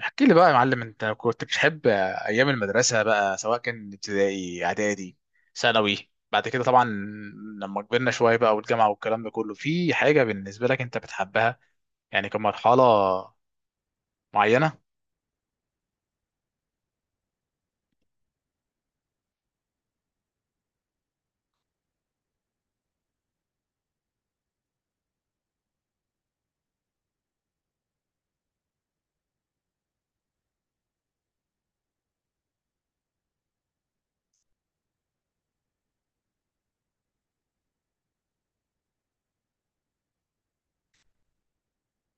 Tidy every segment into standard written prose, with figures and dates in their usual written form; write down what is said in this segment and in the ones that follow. احكي لي بقى يا معلم، انت كنت بتحب ايام المدرسه بقى، سواء كان ابتدائي، اعدادي، ثانوي؟ بعد كده طبعا لما كبرنا شويه بقى والجامعه والكلام ده كله، في حاجه بالنسبه لك انت بتحبها يعني كمرحله معينه؟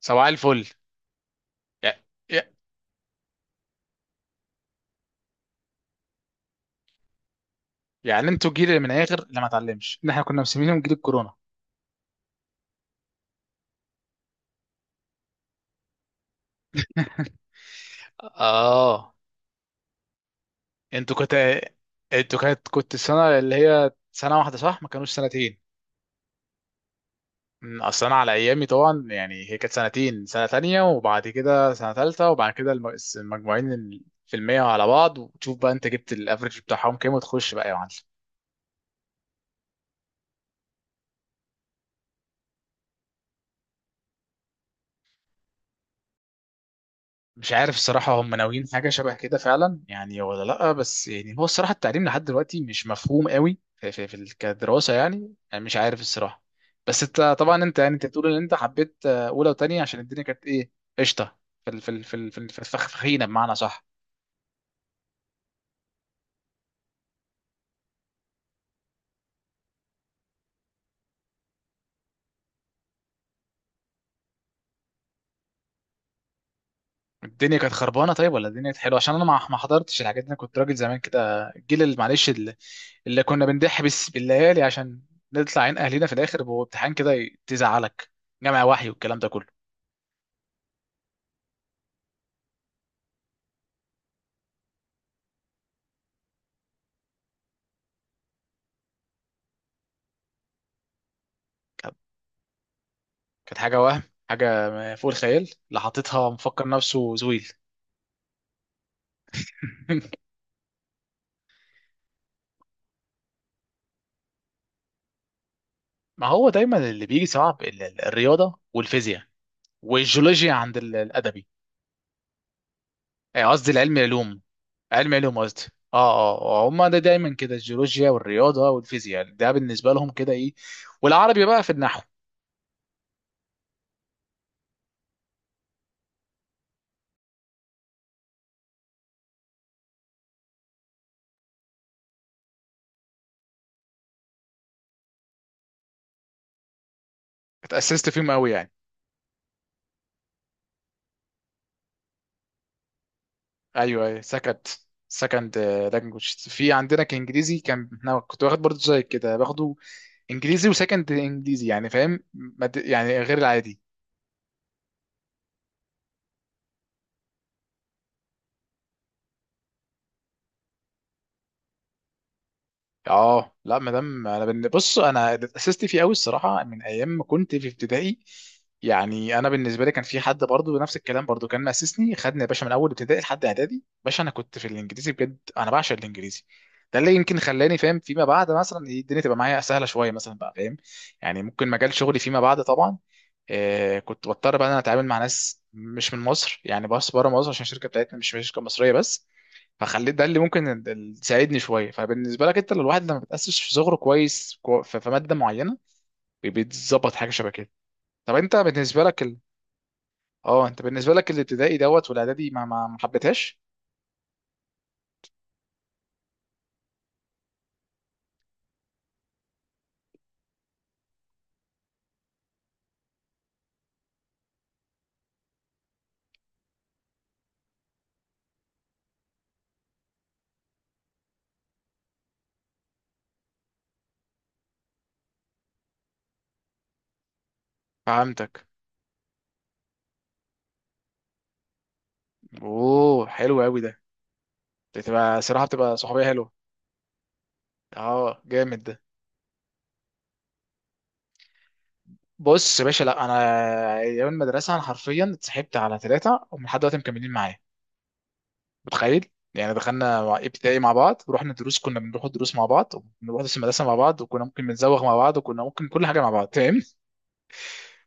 سواء الفل. يع- يع- يعني انتوا جيل من الاخر اللي ما اتعلمش، ان احنا كنا مسمينهم جيل الكورونا. اه، انتوا كنت انتوا كانت كنت السنه اللي هي سنه واحده صح؟ ما كانوش سنتين؟ اصل انا على ايامي طبعا يعني هي كانت سنتين، سنه تانية وبعد كده سنه تالتة، وبعد كده المجموعين في المية على بعض، وتشوف بقى انت جبت الافريج بتاعهم كام وتخش بقى يا معلم. مش عارف الصراحه هم ناويين حاجه شبه كده فعلا يعني ولا لا، بس يعني هو الصراحه التعليم لحد دلوقتي مش مفهوم قوي في كدراسه يعني، انا مش عارف الصراحه. بس انت طبعا، انت بتقول ان انت حبيت اولى وتانية عشان الدنيا كانت ايه؟ قشطه؟ في ال- في ال- في ال- في ال- في الفخ- فخينه بمعنى صح؟ الدنيا كانت خربانه طيب ولا الدنيا كانت حلوه؟ عشان انا ما حضرتش الحاجات دي، انا كنت راجل زمان كده، الجيل اللي معلش، اللي كنا بنضح بس بالليالي عشان نطلع عين اهلنا في الاخر بامتحان كده تزعلك جامع وحي والكلام ده كله. كانت، كانت حاجه وهم، حاجه فوق الخيال، اللي حاططها مفكر نفسه زويل. ما هو دايما اللي بيجي صعب الرياضه والفيزياء والجيولوجيا عند الادبي، قصدي العلم، العلوم، علم علوم قصدي. اه اه، هم ده دايما كده، الجيولوجيا والرياضه والفيزياء ده بالنسبه لهم كده ايه، والعربي بقى في النحو. اتأسست فيهم قوي يعني؟ ايوه، سكند، سكند لانجوج. في عندنا كانجليزي كان، انا كنت واخد برضه زي كده، باخده انجليزي وسكند انجليزي، يعني فاهم، يعني غير العادي. اه، لا مدام انا بص انا اتأسست فيه قوي الصراحه من ايام ما كنت في ابتدائي، يعني انا بالنسبه لي كان في حد برضو نفس الكلام، برضو كان مأسسني، خدني يا باشا من اول ابتدائي لحد اعدادي باشا، انا كنت في الانجليزي بجد، انا بعشق الانجليزي. ده اللي يمكن خلاني فاهم فيما بعد، مثلا الدنيا تبقى معايا سهله شويه مثلا بقى، فاهم يعني؟ ممكن مجال شغلي فيما بعد طبعا، كنت بضطر بقى إن انا اتعامل مع ناس مش من مصر يعني، بس بره مصر عشان الشركه بتاعتنا مش شركه مصريه بس. فخليت ده اللي ممكن يساعدني شويه. فبالنسبه لك انت، لو الواحد لما بتاسس في صغره كويس، في في ماده معينه، بيتظبط حاجه شبه كده. طب انت بالنسبه لك اه انت بالنسبه لك الابتدائي دوت والاعدادي ما حبيتهاش؟ فهمتك. اوه، حلو قوي ده، بتبقى صراحه بتبقى صحوبيه حلوه. اه جامد ده. بص يا باشا، لا انا ايام المدرسه انا حرفيا اتصاحبت على ثلاثه، ومن لحد دلوقتي مكملين معايا، متخيل؟ يعني دخلنا ابتدائي مع بعض، ورحنا دروس كنا بنروح الدروس مع بعض، وبنروح درس المدرسه مع بعض، وكنا ممكن بنزوغ مع بعض، وكنا ممكن كل حاجه مع بعض، فاهم؟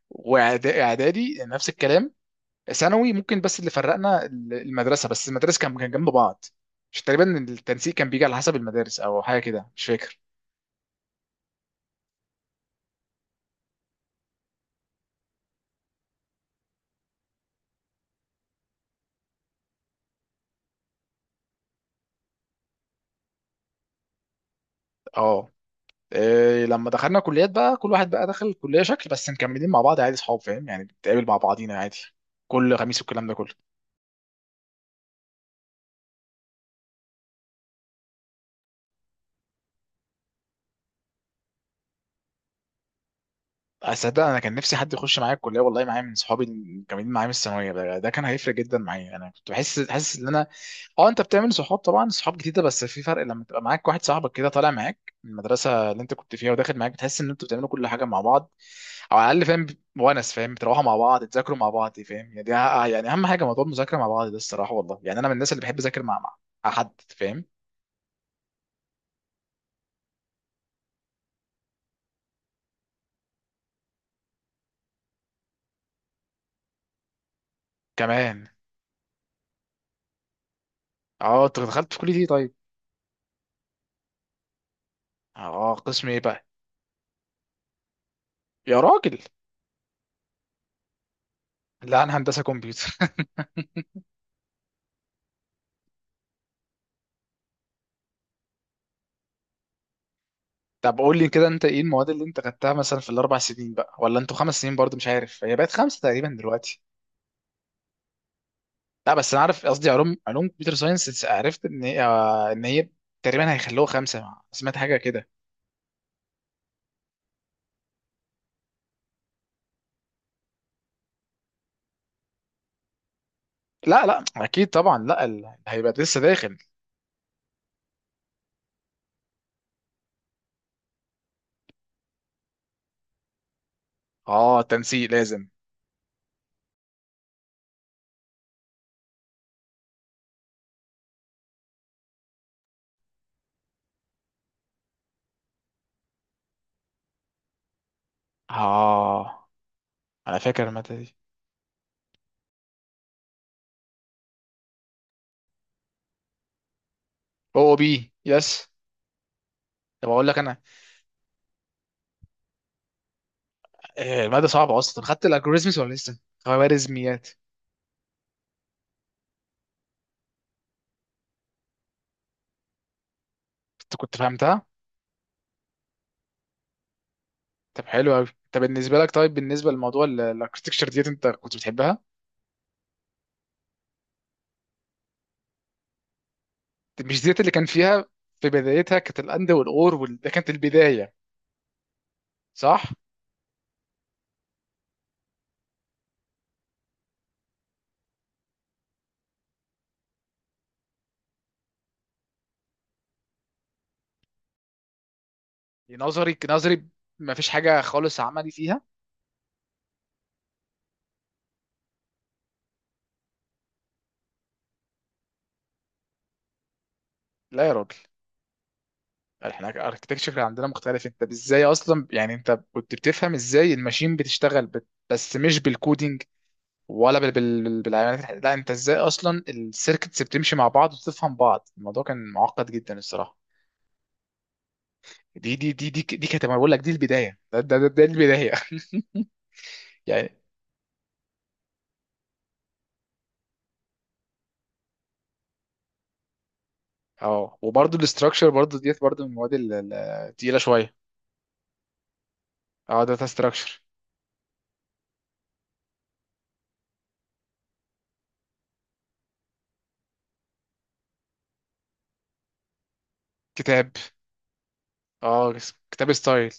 إعدادي نفس الكلام، ثانوي ممكن، بس اللي فرقنا المدرسه بس، المدارس كان جنب بعض. مش تقريبا التنسيق كان بيجي على حسب المدارس او حاجه كده، مش فاكر. اه، إيه لما دخلنا كليات بقى كل واحد بقى دخل كليه شكل، بس مكملين مع بعض عادي صحاب، فاهم يعني، بنتقابل مع بعضينا عادي كل خميس والكلام ده كله. اصدق انا كان نفسي حد يخش معايا الكليه والله، معايا من صحابي اللي كانوا معايا من الثانويه، ده كان هيفرق جدا معايا، انا كنت بحس حاسس ان انا، اه انت بتعمل صحاب طبعا، صحاب جديده، بس في فرق لما تبقى معاك واحد صاحبك كده طالع معاك من المدرسه اللي انت كنت فيها وداخل معاك، بتحس ان انتوا بتعملوا كل حاجه مع بعض، او على الاقل فاهم، ونس، فاهم؟ بتروحوا مع بعض، تذاكروا مع بعض، فاهم يعني؟ دي يعني اهم حاجه، موضوع المذاكره مع بعض ده الصراحه والله، يعني انا من الناس اللي بحب اذاكر مع، مع حد، فاهم؟ كمان. اه، انت دخلت في كليه ايه طيب؟ اه، قسم ايه بقى؟ يا راجل، لا انا هندسه كمبيوتر. طب قول لي كده انت ايه المواد اللي انت خدتها مثلا في الاربع سنين بقى، ولا انتوا خمس سنين برضو؟ مش عارف، هي بقت خمسه تقريبا دلوقتي. لا، بس انا عارف، قصدي علوم، علوم كمبيوتر ساينس، عرفت ان هي ان هي تقريبا هيخلوها خمسه، سمعت حاجه كده. لا لا، اكيد طبعا، لا هيبقى لسه داخل. اه، تنسيق لازم. اه، انا فاكر الماده دي. او بي يس. طب اقول لك انا، الماده صعبه اصلا، خدت الالجوريزمز ولا لسه؟ خوارزميات. انت كنت فهمتها؟ طب حلو قوي. طب بالنسبه لك، طيب بالنسبه لموضوع الاركتكتشر ديت، انت كنت بتحبها؟ مش ديت اللي كان فيها في بدايتها كانت الاند والاور ده كانت البدايه، صح؟ نظري نظري، ما فيش حاجه خالص عملي فيها؟ لا يا راجل، احنا الاركتكتشر عندنا مختلف، انت ازاي اصلا يعني انت كنت بتفهم ازاي الماشين بتشتغل بس مش بالكودينج ولا بالعمليات لا انت ازاي اصلا السيركتس بتمشي مع بعض وتفهم بعض؟ الموضوع كان معقد جدا الصراحه. دي كانت، أنا بقول لك دي البدايه، ده البدايه. يعني اه، وبرده الاستراكشر برده ديت برده من المواد التقيله شويه. اه، داتا استراكشر. كتاب، اه، كتاب ستايل.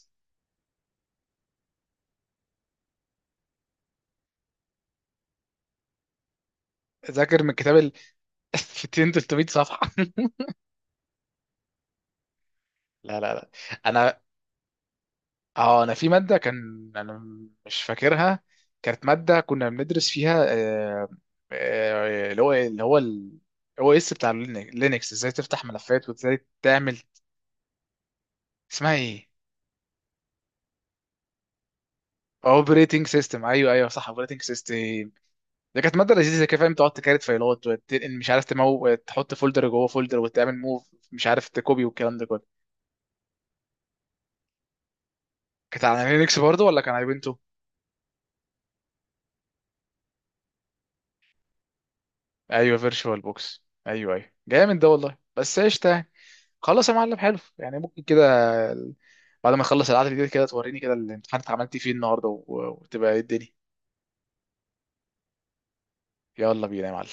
ذاكر من كتاب ال 200 300 صفحه. لا لا لا. انا اه، انا في ماده كان انا، مش فاكرها، كانت ماده كنا بندرس فيها اللي هو، اللي هو الاو اس بتاع لينكس، ازاي تفتح ملفات وازاي تعمل. اسمها ايه؟ اوبريتنج سيستم، ايوه ايوه صح، اوبريتنج سيستم، ده كانت ماده لذيذه كده، فاهم؟ تقعد تكارت فايلات وتنقل، مش عارف، تمو، تحط فولدر جوه فولدر وتعمل موف، مش عارف تكوبي والكلام ده كله. كانت على لينكس برضه ولا كان على بنتو؟ ايوه فيرتشوال بوكس، ايوه ايوه جامد ده والله، بس قشطه يعني. خلاص يا معلم، حلو، يعني ممكن كده بعد ما اخلص القعده دي كده توريني كده الامتحان عملت فيه النهارده، وتبقى إيه الدنيا. يلا بينا يا معلم.